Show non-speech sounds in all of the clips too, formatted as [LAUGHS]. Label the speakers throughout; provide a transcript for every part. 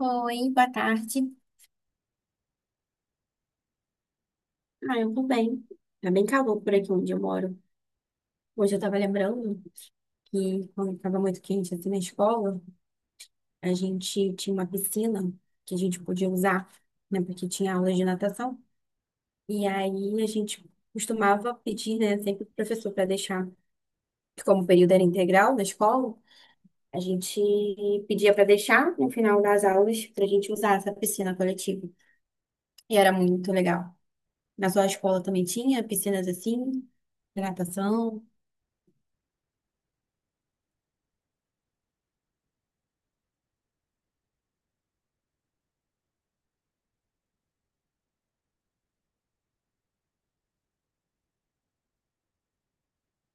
Speaker 1: Oi, boa tarde. Ah, eu tô bem. Tá bem calor por aqui onde eu moro. Hoje eu tava lembrando que quando tava muito quente aqui na escola, a gente tinha uma piscina que a gente podia usar, né? Porque tinha aulas de natação. E aí a gente costumava pedir, né, sempre pro professor para deixar, porque como o período era integral na escola, a gente pedia para deixar no final das aulas para a gente usar essa piscina coletiva. E era muito legal. Na sua escola também tinha piscinas assim, de natação?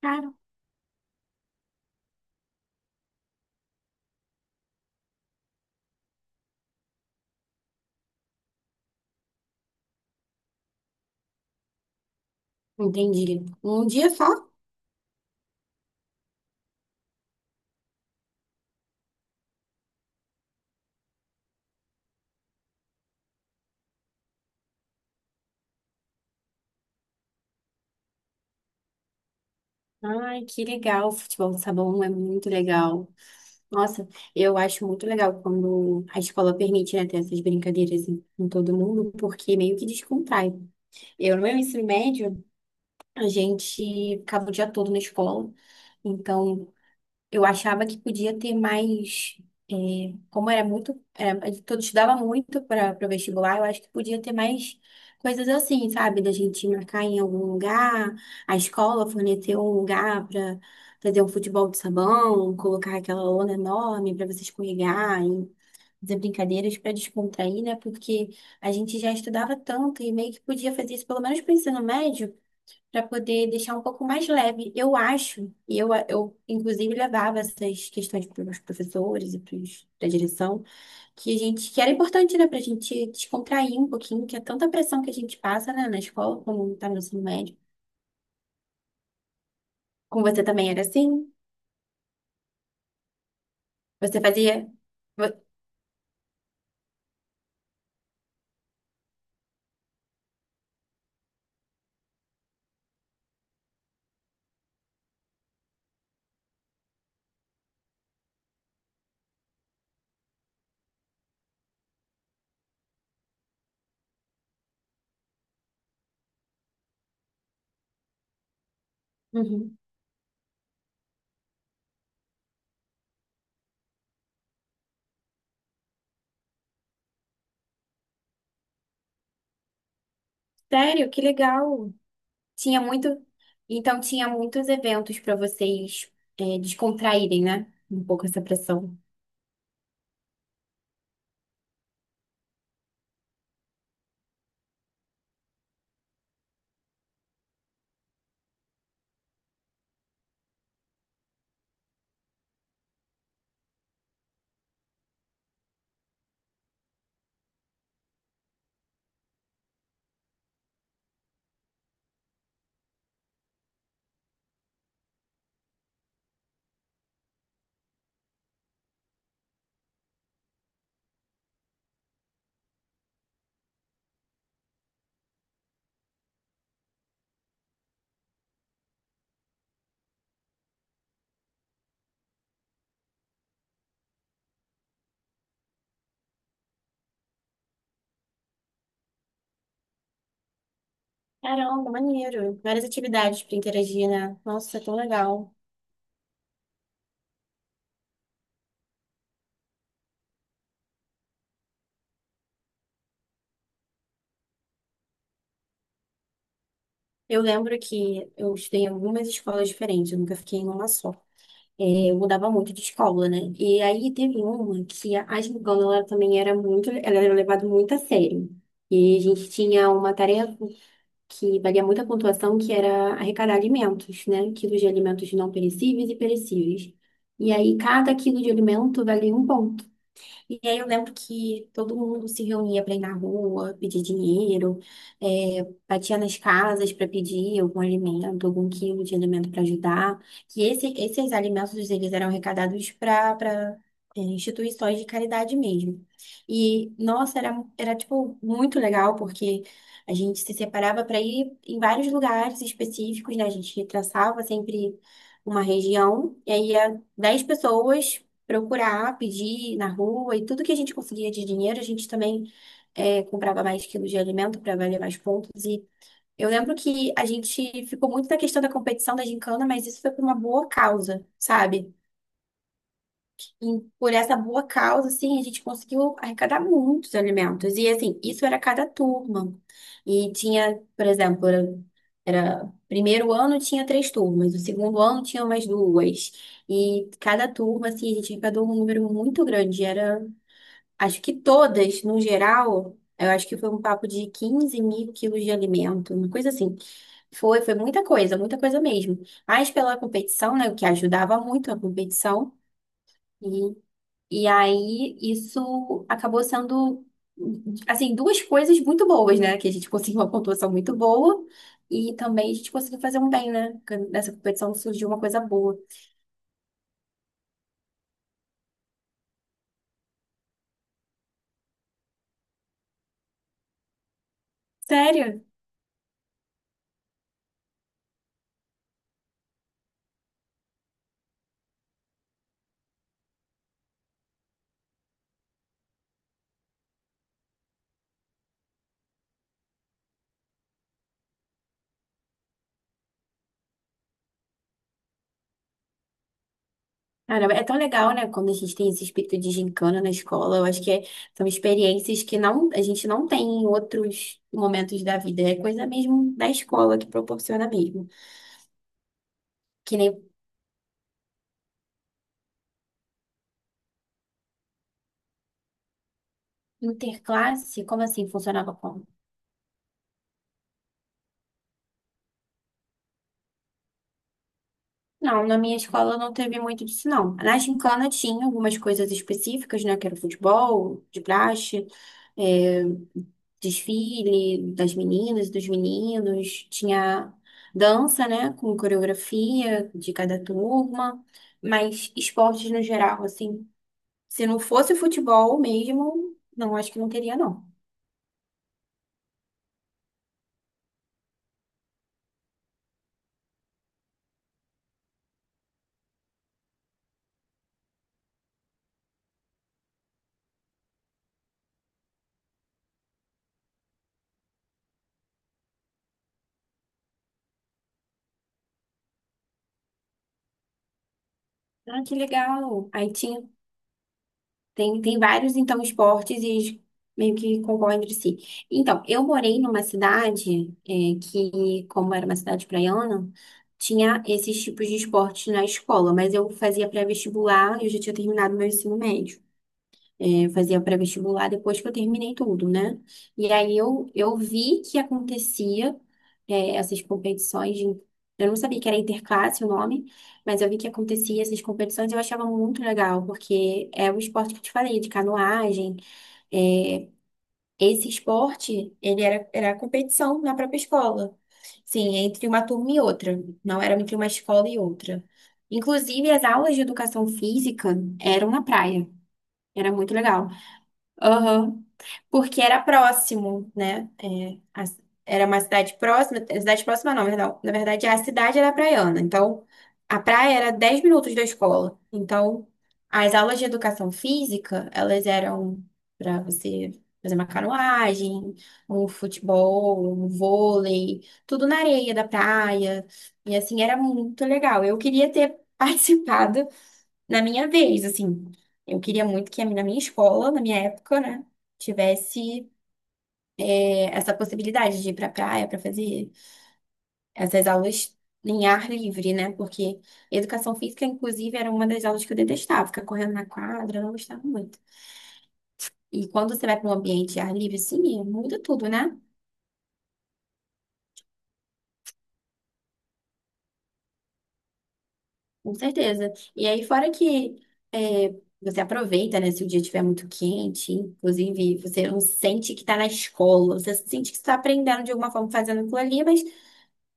Speaker 1: Cara, entendi. Um dia só? Ai, que legal. Futebol de sabão é muito legal. Nossa, eu acho muito legal quando a escola permite, né, ter essas brincadeiras em todo mundo, porque meio que descontrai. Eu, no meu ensino médio, a gente ficava o dia todo na escola. Então, eu achava que podia ter mais, é, como era muito, todo estudava muito para o vestibular, eu acho que podia ter mais coisas assim, sabe? Da gente marcar em algum lugar, a escola fornecer um lugar para fazer um futebol de sabão, colocar aquela lona enorme para você escorregar e fazer brincadeiras para descontrair, né? Porque a gente já estudava tanto e meio que podia fazer isso pelo menos para o ensino médio para poder deixar um pouco mais leve. Eu acho, e eu inclusive levava essas questões para os professores e para a direção, que a gente, que era importante, né, para a gente descontrair um pouquinho, que é tanta pressão que a gente passa, né, na escola, como está no ensino médio. Com você também era assim? Você fazia? vo- Uhum. Sério, que legal. Tinha muito, então tinha muitos eventos para vocês descontraírem, né? Um pouco essa pressão. Caramba, maneiro. Várias atividades para interagir, né? Nossa, é tão legal. Eu lembro que eu estudei em algumas escolas diferentes, eu nunca fiquei em uma só. É, eu mudava muito de escola, né? E aí teve uma que a Gingana, ela era levada muito a sério. E a gente tinha uma tarefa que valia muita pontuação, que era arrecadar alimentos, né? Quilos de alimentos não perecíveis e perecíveis. E aí cada quilo de alimento valia um ponto. E aí eu lembro que todo mundo se reunia para ir na rua, pedir dinheiro, batia nas casas para pedir algum alimento, algum quilo de alimento para ajudar. E esses alimentos eles eram arrecadados para instituições de caridade mesmo. E nossa, era tipo muito legal porque a gente se separava para ir em vários lugares específicos, né? A gente traçava sempre uma região e aí ia 10 pessoas procurar, pedir na rua e tudo que a gente conseguia de dinheiro, a gente também comprava mais quilos de alimento para valer mais pontos. E eu lembro que a gente ficou muito na questão da competição da gincana, mas isso foi por uma boa causa, sabe? E por essa boa causa, assim, a gente conseguiu arrecadar muitos alimentos. E, assim, isso era cada turma. E tinha, por exemplo, primeiro ano tinha três turmas, o segundo ano tinha mais duas. E cada turma, assim, a gente arrecadou um número muito grande. Era, acho que todas, no geral, eu acho que foi um papo de 15.000 quilos de alimento, uma coisa assim. Foi muita coisa mesmo. Mas pela competição, né, o que ajudava muito a competição. E aí, isso acabou sendo, assim, duas coisas muito boas, né? Que a gente conseguiu uma pontuação muito boa e também a gente conseguiu fazer um bem, né? Porque nessa competição surgiu uma coisa boa. Sério? Caramba, é tão legal, né? Quando a gente tem esse espírito de gincana na escola, eu acho que são experiências que não, a gente não tem em outros momentos da vida. É coisa mesmo da escola que proporciona mesmo. Que nem interclasse, como assim funcionava? Não, na minha escola não teve muito disso, não. Na gincana tinha algumas coisas específicas, né? Que era futebol, de praxe, é, desfile das meninas, dos meninos. Tinha dança, né? Com coreografia de cada turma. Mas esportes no geral, assim, se não fosse futebol mesmo, não, acho que não teria, não. Ah, que legal. Aí tem vários, então, esportes e eles meio que concorrem entre si. Então, eu morei numa cidade que, como era uma cidade praiana, tinha esses tipos de esportes na escola, mas eu fazia pré-vestibular e eu já tinha terminado meu ensino médio. Eu fazia pré-vestibular depois que eu terminei tudo, né? E aí eu vi que acontecia essas competições. Eu não sabia que era interclasse o nome, mas eu vi que acontecia essas competições e eu achava muito legal, porque é o esporte que eu te falei, de canoagem. é, Esse esporte, ele era competição na própria escola. Sim, entre uma turma e outra, não era entre uma escola e outra. Inclusive, as aulas de educação física eram na praia. Era muito legal. Aham. Porque era próximo, né? Era uma cidade próxima, cidade próxima não, perdão. Na verdade, a cidade era praiana. Então, a praia era 10 minutos da escola. Então, as aulas de educação física, elas eram para você fazer uma canoagem, um futebol, um vôlei, tudo na areia da praia. E assim, era muito legal. Eu queria ter [LAUGHS] participado na minha vez, assim. Eu queria muito que na minha escola, na minha época, né, tivesse essa possibilidade de ir pra praia para fazer essas aulas em ar livre, né? Porque educação física, inclusive, era uma das aulas que eu detestava, ficar correndo na quadra, eu não gostava muito. E quando você vai para um ambiente de ar livre, sim, muda tudo, né? Com certeza. E aí, fora que é, você aproveita, né? Se o dia estiver muito quente, inclusive, você não sente que está na escola, você sente que está aprendendo de alguma forma fazendo aquilo ali, mas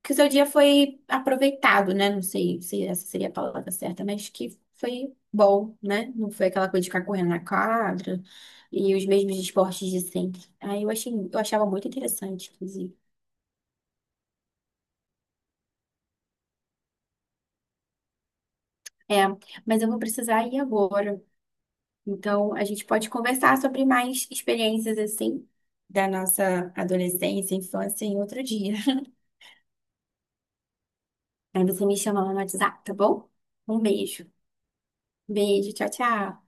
Speaker 1: que o seu dia foi aproveitado, né? Não sei se essa seria a palavra certa, mas que foi bom, né? Não foi aquela coisa de ficar correndo na quadra e os mesmos esportes de sempre. Eu achava muito interessante, inclusive. É, mas eu vou precisar ir agora. Então, a gente pode conversar sobre mais experiências assim da nossa adolescência, infância em outro dia. [LAUGHS] Aí você me chama lá no WhatsApp, tá bom? Um beijo. Beijo, tchau, tchau.